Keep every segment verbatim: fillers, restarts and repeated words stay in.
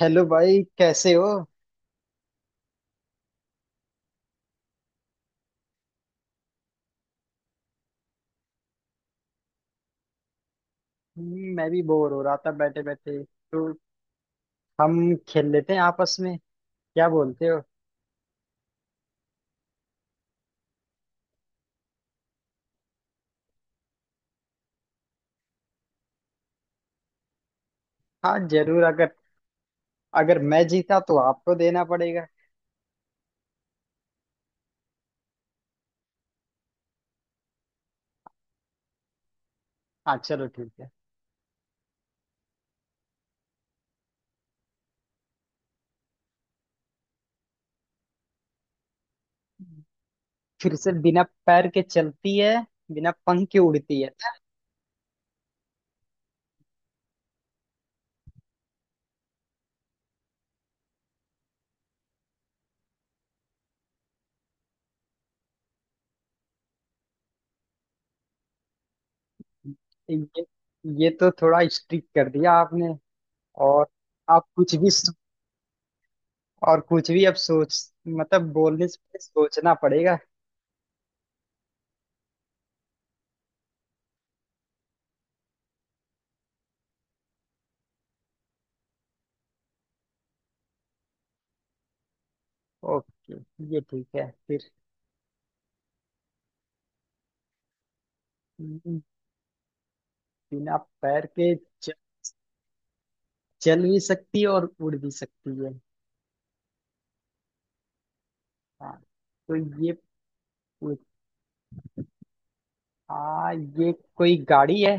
Hello भाई कैसे हो। हम्म, मैं भी बोर हो रहा था बैठे बैठे। तो हम खेल लेते हैं आपस में। क्या बोलते हो। हाँ जरूर। अगर अगर मैं जीता तो आपको देना पड़ेगा। हाँ चलो ठीक है। फिर से, बिना पैर के चलती है, बिना पंख के उड़ती है। ये ये तो थोड़ा स्ट्रिक कर दिया आपने। और आप कुछ भी सो- और कुछ भी अब सोच, मतलब बोलने से पहले सोचना पड़ेगा। ओके, ये ठीक है फिर। हम्म, बिना पैर के चल भी सकती है और उड़ भी सकती है। हाँ तो ये पूछ- हाँ, ये कोई गाड़ी है?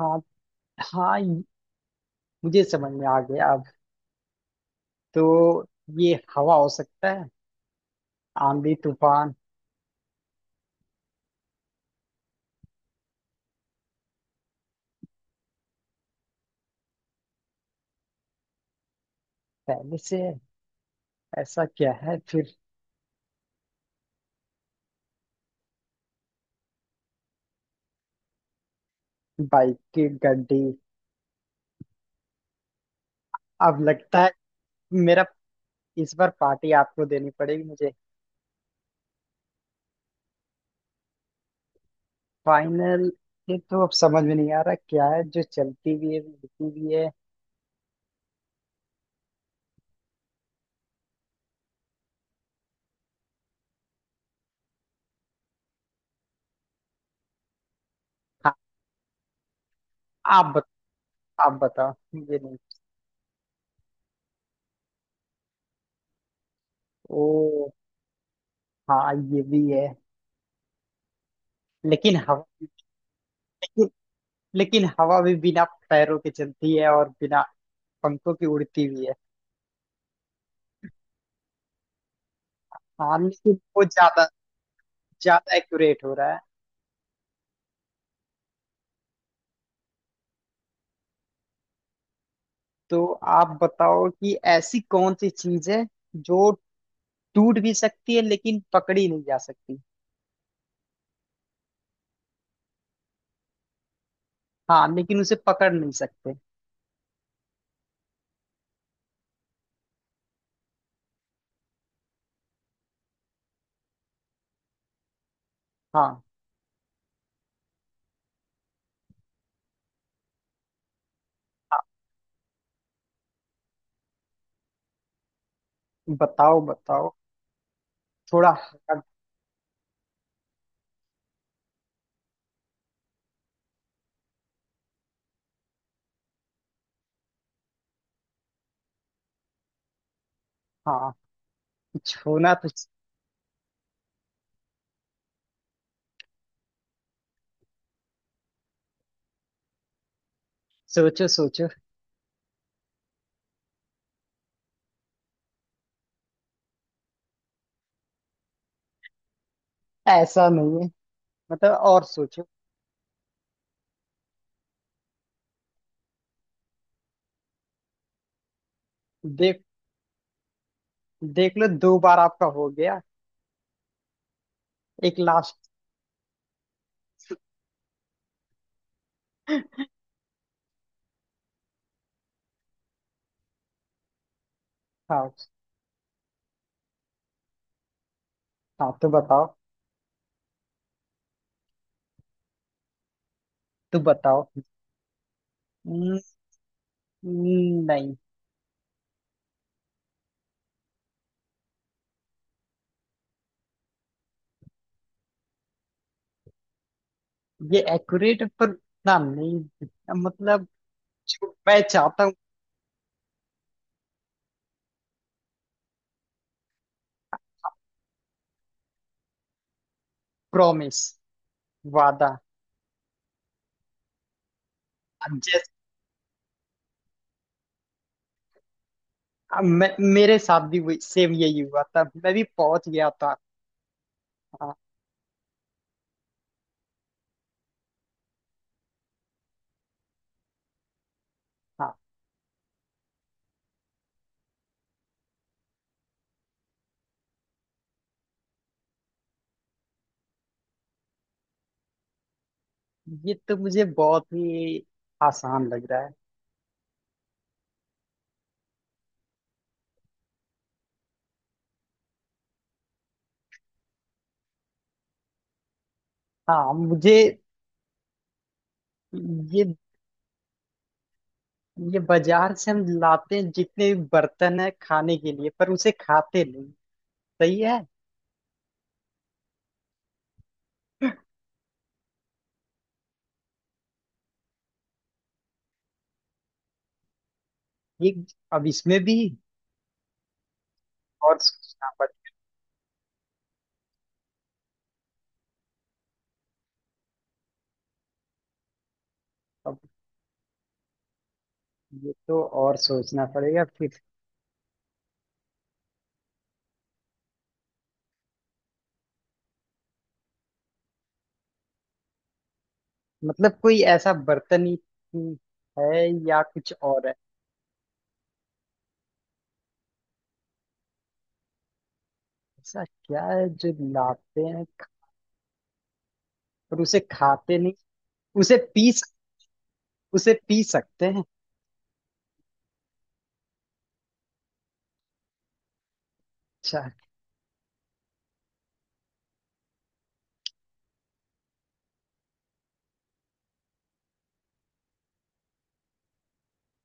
हाँ, हाँ ये- मुझे समझ में आ गया अब। तो ये हवा हो सकता है, आंधी तूफान। पहले से है। ऐसा क्या है फिर? बाइक की गड्डी। अब लगता है मेरा, इस बार पार्टी आपको देनी पड़ेगी मुझे। फाइनल, ये तो अब समझ में नहीं आ रहा क्या है जो चलती भी है उड़ती भी है। हाँ। आप बत, आप बताओ, मुझे नहीं। ओ, हाँ ये भी है। लेकिन हवा, लेकिन, लेकिन हवा भी बिना पैरों के चलती है और बिना पंखों की उड़ती भी है। हाँ लेकिन वो ज्यादा ज्यादा एक्यूरेट हो रहा है। तो आप बताओ कि ऐसी कौन सी चीज है जो टूट भी सकती है लेकिन पकड़ी नहीं जा सकती। हाँ लेकिन उसे पकड़ नहीं सकते। हाँ हाँ। बताओ बताओ। थोड़ा hard- हाँ, कुछ होना तो। सोचो सोचो। ऐसा नहीं है, मतलब और सोचो। देखो, देख लो दो बार आपका हो गया, एक लास्ट। हाँ। हाँ तो बताओ। तो बताओ। न- नहीं। ये एक्यूरेट पर, ना नहीं, मतलब जो मैं चाहता हूँ। प्रॉमिस, वादा। जैसे मैं, मेरे साथ भी वही- सेम यही हुआ था, मैं भी पहुंच गया था। हाँ। हाँ ये तो मुझे बहुत ही आसान लग रहा है। हाँ मुझे। ये ये बाजार से हम लाते हैं जितने भी बर्तन है खाने के लिए, पर उसे खाते नहीं। सही है। ये अब इसमें भी और सोचना पड़ेगा। अब ये तो और सोचना पड़ेगा फिर। मतलब कोई ऐसा बर्तन ही ही है या कुछ और है? ऐसा क्या है जो लाते हैं पर उसे खाते नहीं? उसे पी सक- उसे पी सकते हैं? अच्छा।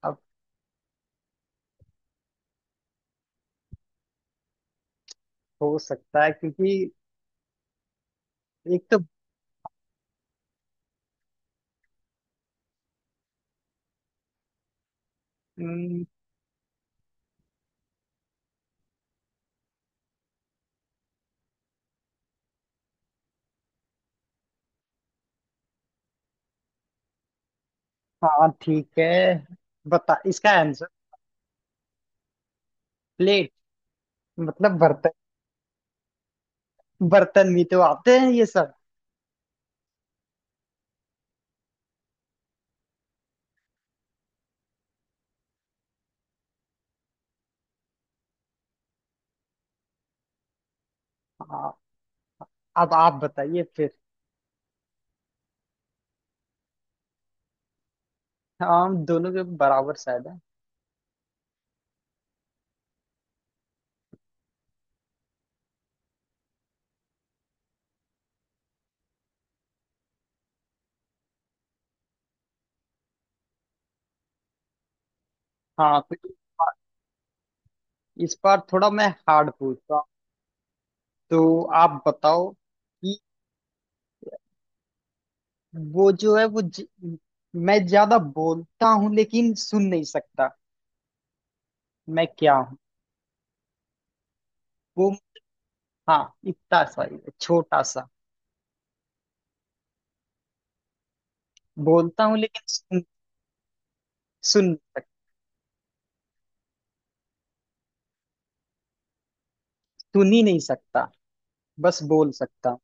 अब हो सकता है क्योंकि एक तो, हम्म, हाँ ठीक है, बता इसका आंसर। प्लेट, मतलब बर्तन? बर्तन भी तो आते हैं ये सब। हाँ। अब आप बताइए फिर। हाँ, हम दोनों के बराबर शायद है। हाँ तो इस बार इस बार थोड़ा मैं हार्ड पूछता हूँ। तो आप बताओ कि वो जो है वो ज, मैं ज्यादा बोलता हूँ लेकिन सुन नहीं सकता। मैं क्या हूँ? वो, हाँ इतना सा ही है, छोटा सा। बोलता हूँ लेकिन सुन, सुन नहीं सकता। सुन ही नहीं सकता, बस बोल सकता हूँ।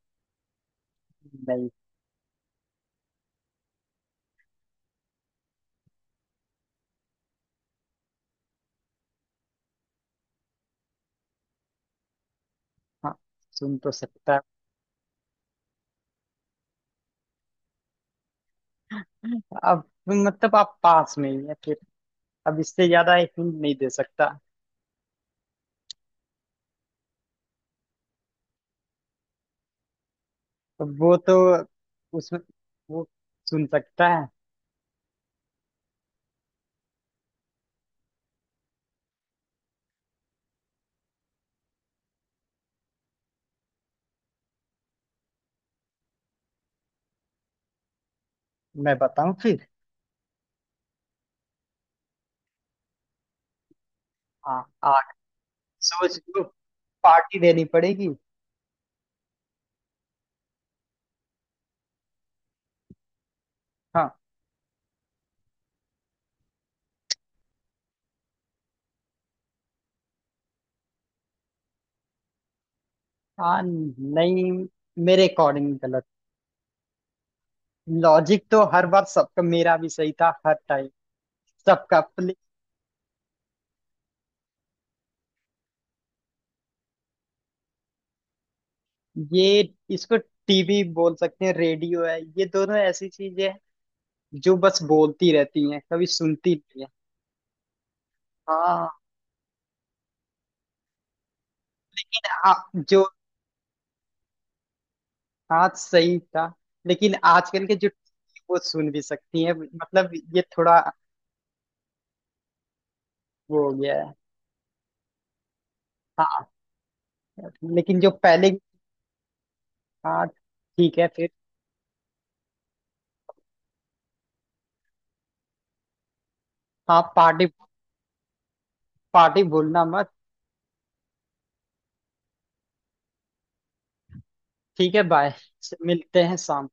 नहीं। हाँ सुन तो सकता है। अब मतलब आप पास में ही है फिर, अब इससे ज्यादा एक हिंट नहीं दे सकता। अब वो तो उसमें वो सुन सकता है। मैं बताऊं फिर? हाँ। आग। सोच लो, पार्टी देनी पड़ेगी। हाँ। हाँ नहीं, मेरे अकॉर्डिंग गलत। लॉजिक तो हर बार सबका, मेरा भी सही था हर टाइम। सबका प्ले। ये, इसको टीवी बोल सकते हैं, रेडियो है, ये दोनों ऐसी चीजें हैं जो बस बोलती रहती हैं, कभी सुनती नहीं है। हाँ लेकिन आप जो, हाँ सही था, लेकिन आजकल के जो, वो सुन भी सकती हैं, मतलब ये थोड़ा वो हो गया है। हाँ लेकिन जो पहले। हाँ ठीक है फिर। हाँ पार्टी, पार्टी भूलना मत। ठीक है बाय, मिलते हैं शाम।